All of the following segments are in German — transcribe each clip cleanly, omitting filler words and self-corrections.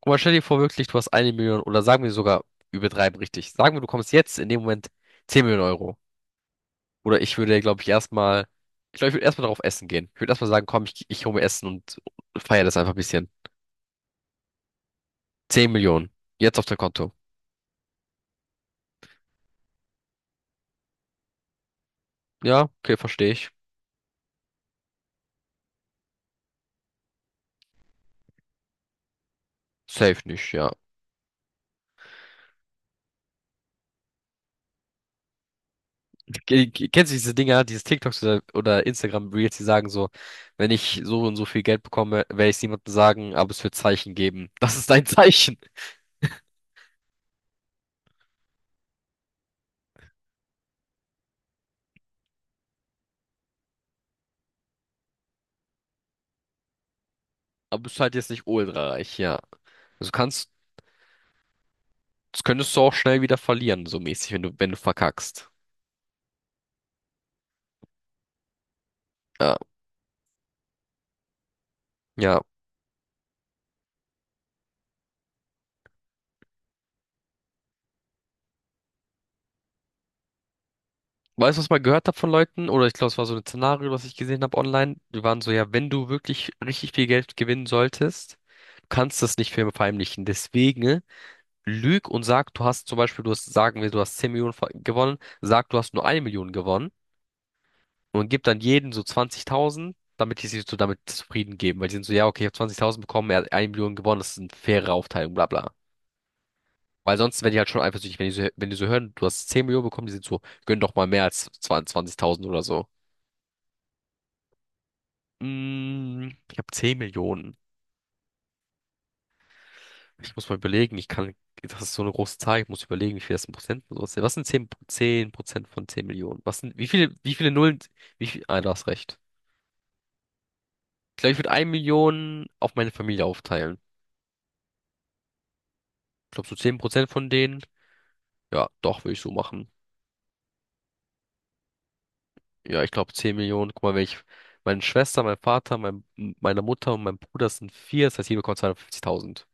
Aber stell dir vor, wirklich, du hast eine Million oder sagen wir sogar, übertreiben richtig. Sagen wir, du kommst jetzt in dem Moment 10 Millionen Euro. Oder ich würde, glaube ich, erstmal, ich glaube, ich würde erstmal darauf essen gehen. Ich würde erstmal sagen, komm, ich hole mir Essen und feiere das einfach ein bisschen. 10 Millionen. Jetzt auf dein Konto. Ja, okay, verstehe ich. Safe nicht, ja. Kennst du diese Dinger, diese TikToks oder Instagram-Reels, die sagen so, wenn ich so und so viel Geld bekomme, werde ich es niemandem sagen, aber es wird Zeichen geben. Das ist dein Zeichen. Aber es ist halt jetzt nicht ultra reich, ja. Also kannst Das könntest du auch schnell wieder verlieren, so mäßig, wenn du, verkackst. Ja, ja. Weißt du, was ich mal gehört habe von Leuten? Oder ich glaube, es war so ein Szenario, was ich gesehen habe online. Die waren so, ja, wenn du wirklich richtig viel Geld gewinnen solltest, du kannst das nicht verheimlichen. Deswegen lüg und sag, du hast zum Beispiel, du hast, sagen wir, du hast 10 Millionen gewonnen, sag, du hast nur eine Million gewonnen und gib dann jedem so 20.000, damit die sich so damit zufrieden geben. Weil die sind so, ja, okay, ich habe 20.000 bekommen, er hat eine Million gewonnen, das ist eine faire Aufteilung, bla bla. Weil sonst werden die halt schon eifersüchtig, wenn die so hören, du hast 10 Millionen bekommen, die sind so, gönn doch mal mehr als 20.000 oder so. Ich habe 10 Millionen. Ich muss mal überlegen, das ist so eine große Zahl, ich muss überlegen, wie viel das in Prozent und sowas sind. Was sind 10 10% von 10 Millionen? Was sind, wie viele Nullen, du hast recht. Ich glaube, ich würde 1 Million auf meine Familie aufteilen. Ich glaube, so 10% von denen, ja, doch, würde ich so machen. Ja, ich glaube 10 Millionen. Guck mal, wenn ich, meine Schwester, mein Vater, meine Mutter und mein Bruder sind vier, das heißt, jeder bekommt 250.000.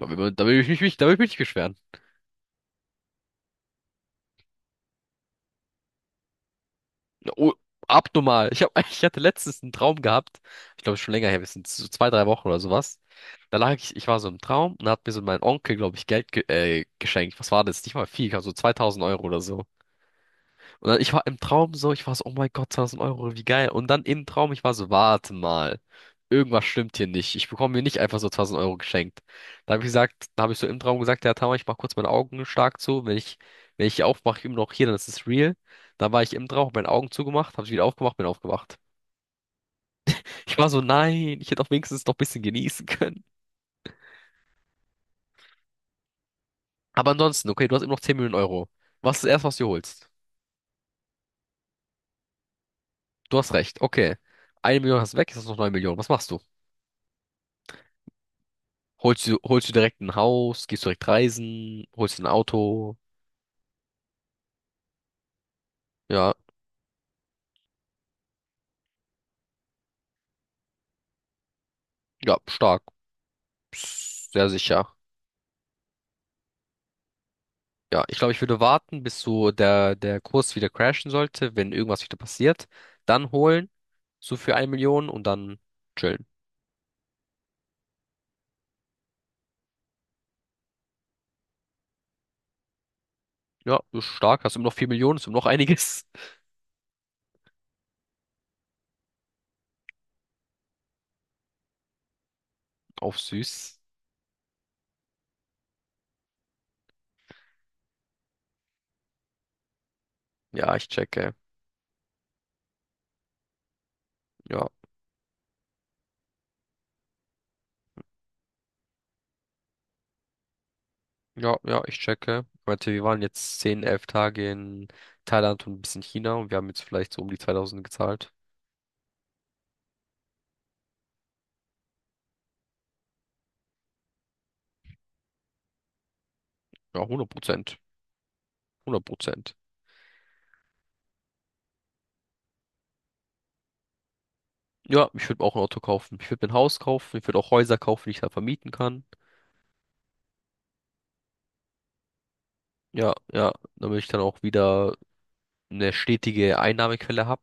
Da will ich mich nicht beschweren. Oh, abnormal. Ich hab, ich hatte letztens einen Traum gehabt. Ich glaube, schon länger her, wir sind so zwei, drei Wochen oder sowas. Ich war so im Traum und da hat mir so mein Onkel, glaube ich, Geld ge geschenkt. Was war das? Nicht mal viel, ich glaub, so 2000 Euro oder so. Und dann, ich war im Traum so, ich war so, oh mein Gott, 2000 Euro, wie geil. Und dann im Traum, ich war so, warte mal, irgendwas stimmt hier nicht. Ich bekomme mir nicht einfach so 1000 Euro geschenkt. Da habe ich so im Traum gesagt, ja, Tama, ich mache kurz meine Augen stark zu. Wenn ich aufmache, immer noch hier, dann ist es real. Da war ich im Traum, hab meine Augen zugemacht, habe ich wieder aufgemacht, bin aufgewacht. Ich war so, nein, ich hätte auch wenigstens noch ein bisschen genießen können. Aber ansonsten, okay, du hast immer noch 10 Millionen Euro. Was ist das Erste, was du holst? Du hast recht, okay. Eine Million hast du weg, jetzt hast du noch 9 Millionen. Was machst du? Holst du direkt ein Haus, gehst direkt reisen, holst ein Auto. Ja, ja, stark. Sehr sicher. Ja, ich glaube, ich würde warten, bis so der Kurs wieder crashen sollte, wenn irgendwas wieder passiert. Dann holen, so für eine Million und dann chillen. Ja, ist stark. Hast immer noch 4 Millionen, ist immer noch einiges. Auf süß. Ja, ich checke. Ja, ja, ja, ich checke. Ich meinte, wir waren jetzt 10 11 Tage in Thailand und ein bisschen China und wir haben jetzt vielleicht so um die 2000 gezahlt. Ja, 100%. Hundert Prozent. Ja, ich würde auch ein Auto kaufen. Ich würde mir ein Haus kaufen. Ich würde auch Häuser kaufen, die ich dann vermieten kann. Ja, ja, damit ich dann auch wieder eine stetige Einnahmequelle habe.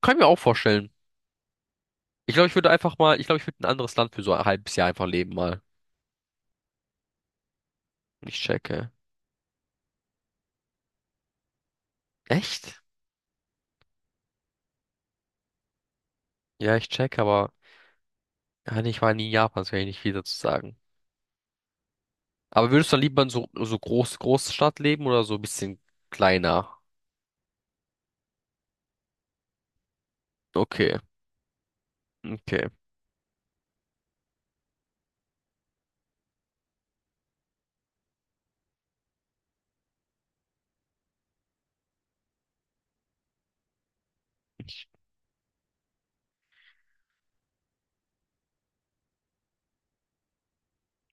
Kann ich mir auch vorstellen. Ich glaube, ich würde einfach mal, ich glaube, ich würde ein anderes Land für so ein halbes Jahr einfach leben mal. Ich checke. Echt? Ja, ich checke, aber ja, nee, ich war nie in Japan, das kann ich nicht viel dazu sagen. Aber würdest du dann lieber in so Großstadt leben oder so ein bisschen kleiner? Okay, okay. Ich,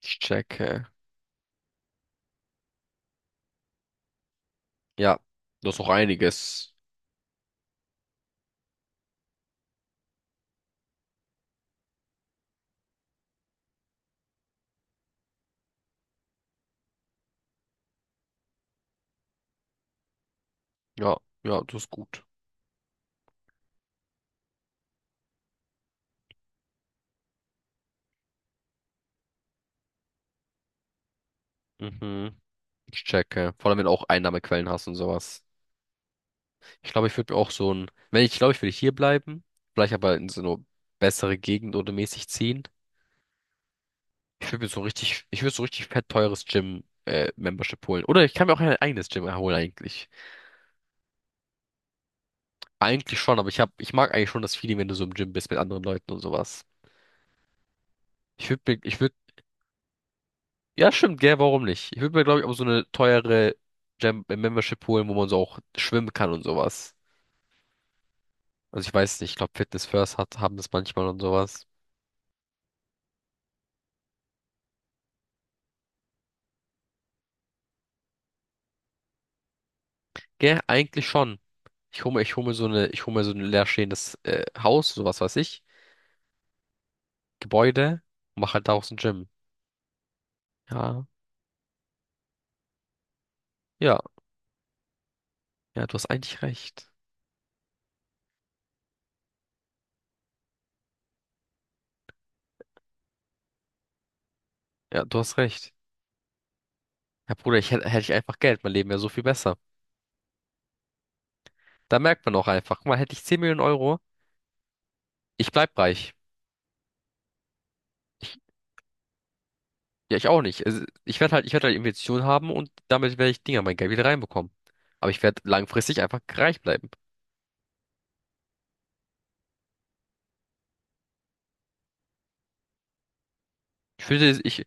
ich checke. Ja, das ist auch einiges. Ja, ja, das ist gut. Mhm. Ich checke. Vor allem, wenn du auch Einnahmequellen hast und sowas. Ich glaube, ich würde mir auch so ein, wenn ich glaube, ich würde hier bleiben, vielleicht aber in so eine bessere Gegend oder mäßig ziehen. Ich würde so richtig fett teures Gym, Membership holen. Oder ich kann mir auch ein eigenes Gym holen eigentlich. Eigentlich schon, aber ich mag eigentlich schon das Feeling, wenn du so im Gym bist mit anderen Leuten und sowas. Ich würde mir, ich würde, Ja, stimmt, gell, warum nicht? Ich würde mir, glaube ich, auch so eine teure Gym, Membership holen, wo man so auch schwimmen kann und sowas. Also ich weiß nicht, ich glaube Fitness First haben das manchmal und sowas. Gell, eigentlich schon. Ich hole mir so ein leerstehendes Haus, sowas weiß ich, Gebäude und mache halt daraus ein Gym. Ja, ja, ja, du hast eigentlich recht. Ja, du hast recht. Ja, Bruder, hätte ich einfach Geld, mein Leben wäre so viel besser. Da merkt man auch einfach, guck mal, hätte ich 10 Millionen Euro, ich bleib reich. Ich, ja, ich auch nicht. Also, ich werde halt Investitionen haben und damit werde ich Dinger mein Geld wieder reinbekommen. Aber ich werde langfristig einfach reich bleiben. Ich würde, ich,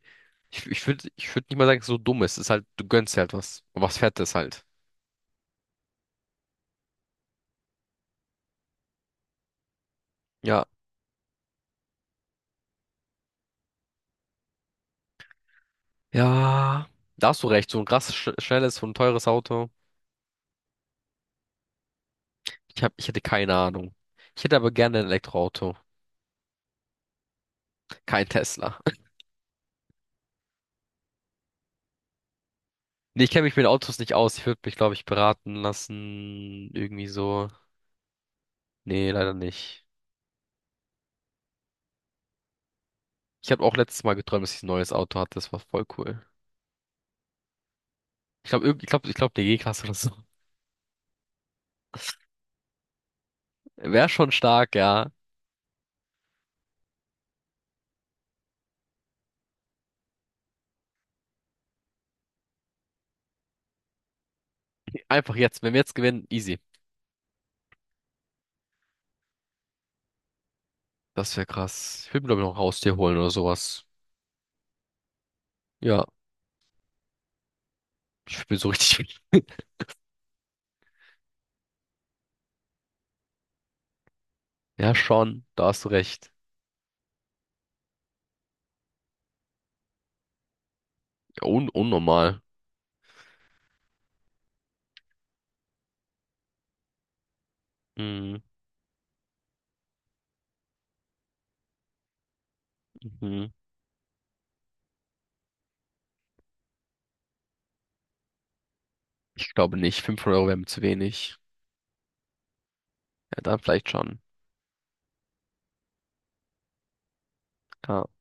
ich, ich würde nicht mal sagen, dass es so dumm ist. Es ist halt, du gönnst dir halt was. Und was Fettes halt. Ja. Ja. Da hast du recht. So ein krass schnelles und teures Auto. Ich hätte keine Ahnung. Ich hätte aber gerne ein Elektroauto. Kein Tesla. Nee, ich kenne mich mit Autos nicht aus. Ich würde mich, glaube ich, beraten lassen. Irgendwie so. Nee, leider nicht. Ich habe auch letztes Mal geträumt, dass ich ein neues Auto hatte. Das war voll cool. Ich glaube, eine G-Klasse oder so. Wäre schon stark, ja. Einfach jetzt. Wenn wir jetzt gewinnen, easy. Das wäre krass. Ich würde mir, glaube ich, noch ein Haustier holen oder sowas. Ja, ich bin so richtig. Ja, schon, da hast du recht. Ja, un unnormal. Mhm. Mhm. Ich glaube nicht. 500 Euro wären mir zu wenig. Ja, dann vielleicht schon. Ja.